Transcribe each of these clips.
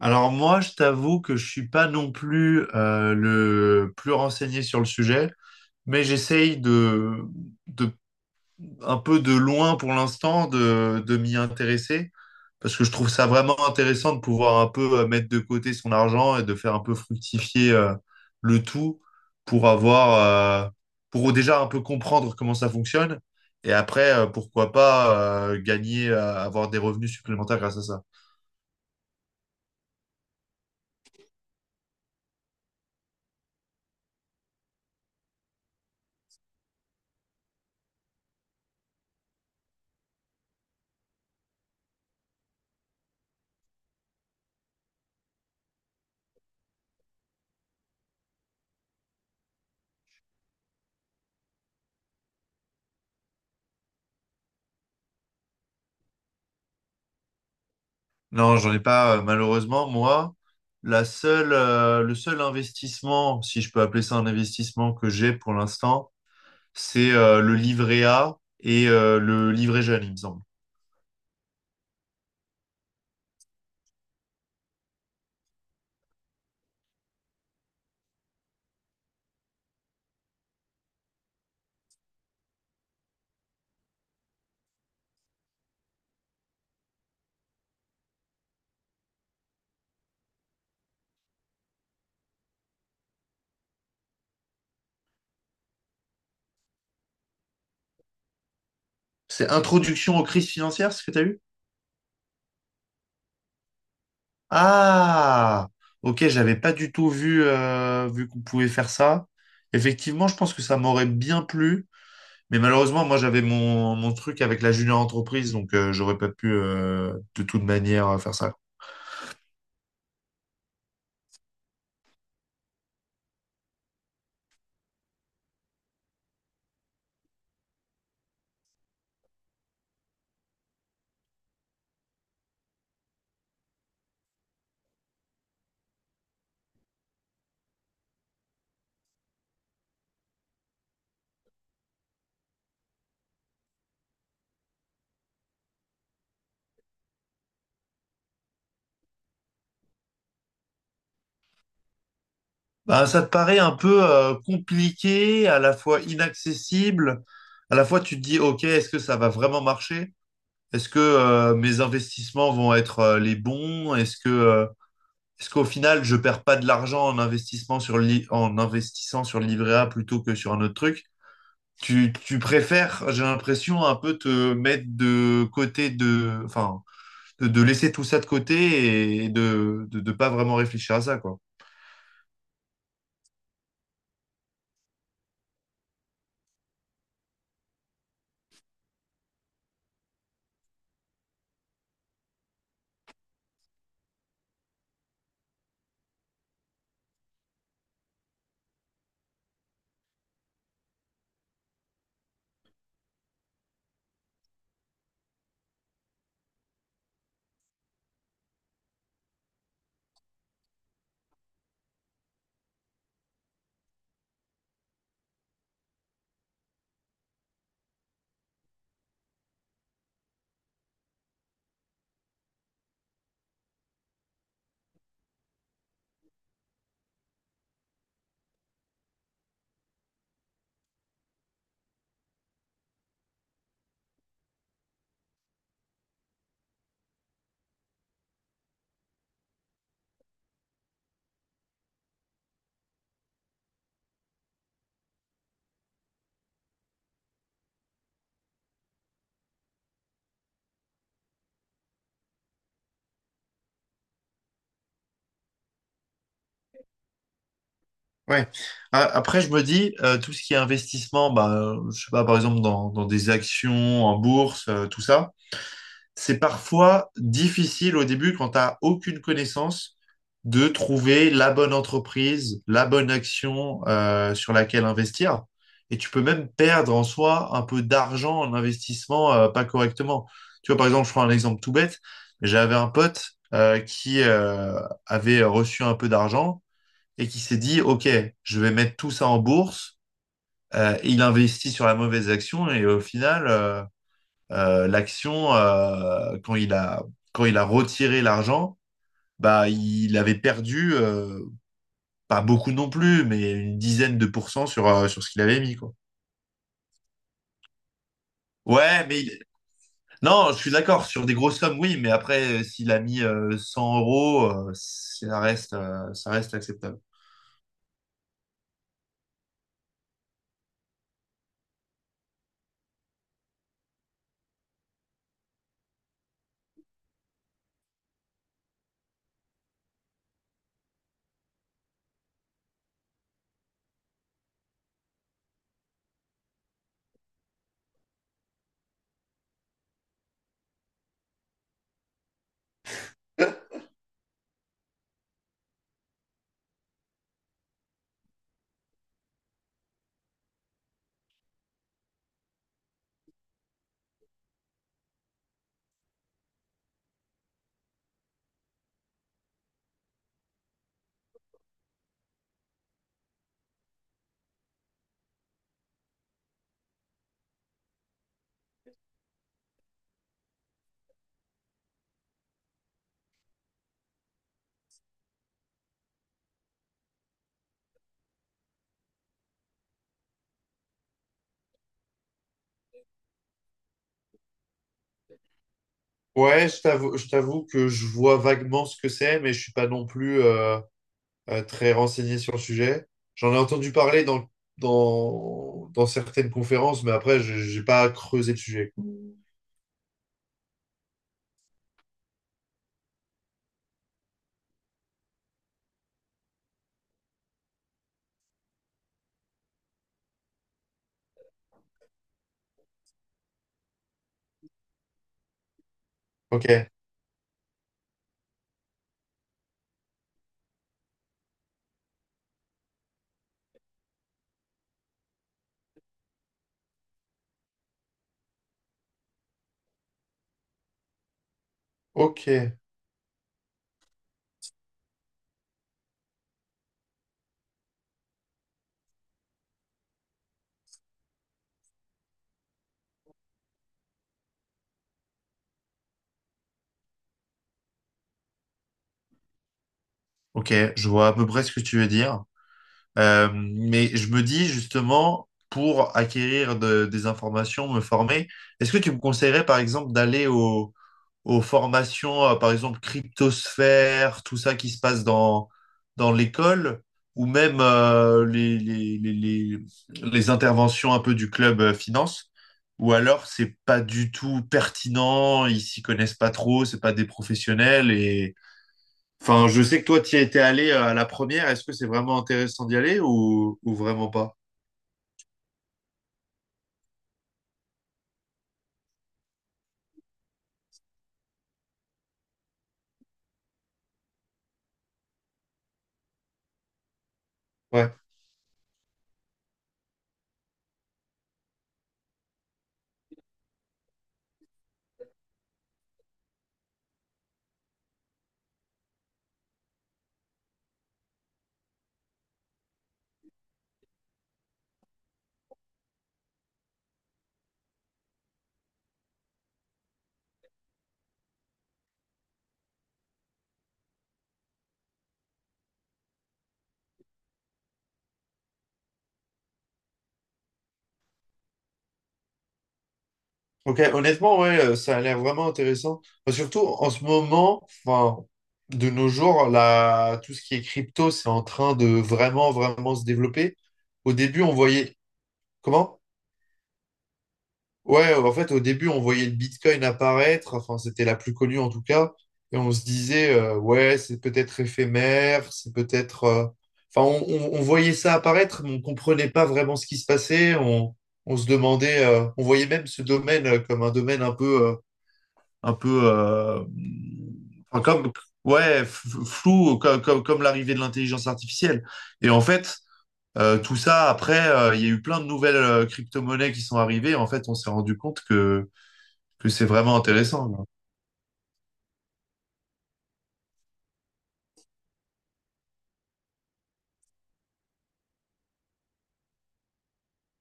Alors moi, je t'avoue que je suis pas non plus le plus renseigné sur le sujet, mais j'essaye de un peu de loin pour l'instant de m'y intéresser parce que je trouve ça vraiment intéressant de pouvoir un peu mettre de côté son argent et de faire un peu fructifier le tout pour avoir pour déjà un peu comprendre comment ça fonctionne et après pourquoi pas gagner avoir des revenus supplémentaires grâce à ça. Non, j'en ai pas, malheureusement. Moi, le seul investissement, si je peux appeler ça un investissement que j'ai pour l'instant, c'est le livret A et le livret jeune, il me semble. C'est introduction aux crises financières, ce que tu as eu? Ah, ok, j'avais pas du tout vu, vu qu'on pouvait faire ça. Effectivement, je pense que ça m'aurait bien plu, mais malheureusement, moi, j'avais mon truc avec la junior entreprise, donc j'aurais pas pu de toute manière faire ça. Ben ça te paraît un peu compliqué, à la fois inaccessible, à la fois tu te dis, OK, est-ce que ça va vraiment marcher? Est-ce que mes investissements vont être les bons? Est-ce que est-ce qu'au final je perds pas de l'argent en investissement sur le en investissant sur le livret A plutôt que sur un autre truc? Tu préfères, j'ai l'impression, un peu te mettre de côté enfin, de laisser tout ça de côté et de pas vraiment réfléchir à ça, quoi. Ouais. Après, je me dis, tout ce qui est investissement, bah, je sais pas, par exemple, dans des actions, en bourse, tout ça, c'est parfois difficile au début quand tu n'as aucune connaissance de trouver la bonne entreprise, la bonne action, sur laquelle investir. Et tu peux même perdre en soi un peu d'argent en investissement, pas correctement. Tu vois, par exemple, je prends un exemple tout bête. J'avais un pote, qui avait reçu un peu d'argent et qui s'est dit, OK, je vais mettre tout ça en bourse. Et il investit sur la mauvaise action et au final, l'action, quand il a retiré l'argent, bah, il avait perdu, pas beaucoup non plus, mais une dizaine de pourcents sur ce qu'il avait mis, quoi. Ouais, mais non, je suis d'accord, sur des grosses sommes, oui, mais après, s'il a mis 100 euros, ça reste acceptable. Ouais, je t'avoue que je vois vaguement ce que c'est, mais je suis pas non plus, très renseigné sur le sujet. J'en ai entendu parler dans certaines conférences, mais après, je n'ai pas creusé le sujet. Ok, ok, ok, je vois à peu près ce que tu veux dire. Mais je me dis justement, pour acquérir des informations, me former, est-ce que tu me conseillerais par exemple d'aller aux formations, par exemple cryptosphère, tout ça qui se passe dans l'école, ou même les interventions un peu du club finance, ou alors c'est pas du tout pertinent, ils s'y connaissent pas trop, c'est pas des professionnels. Enfin, je sais que toi, tu y étais allé à la première. Est-ce que c'est vraiment intéressant d'y aller ou vraiment pas? Ouais. Ok, honnêtement, ouais, ça a l'air vraiment intéressant. Enfin, surtout en ce moment, enfin, de nos jours, là, tout ce qui est crypto, c'est en train de vraiment, vraiment se développer. Au début, on voyait. Comment? Ouais, en fait, au début, on voyait le Bitcoin apparaître, enfin, c'était la plus connue en tout cas, et on se disait, ouais, c'est peut-être éphémère, c'est peut-être. Enfin, on voyait ça apparaître, mais on comprenait pas vraiment ce qui se passait, on se demandait, on voyait même ce domaine comme un domaine un peu, enfin, ouais, flou, comme l'arrivée de l'intelligence artificielle. Et en fait... Tout ça, après, il y a eu plein de nouvelles crypto-monnaies qui sont arrivées. En fait, on s'est rendu compte que c'est vraiment intéressant, quoi.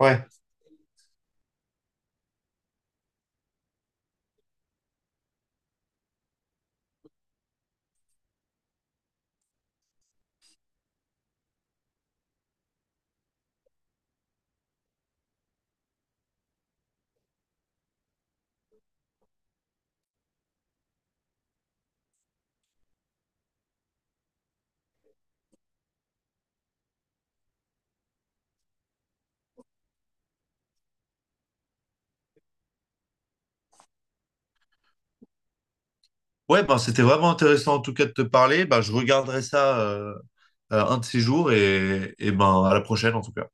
Ouais. Ouais, ben, c'était vraiment intéressant en tout cas de te parler. Ben, je regarderai ça un de ces jours et ben, à la prochaine en tout cas.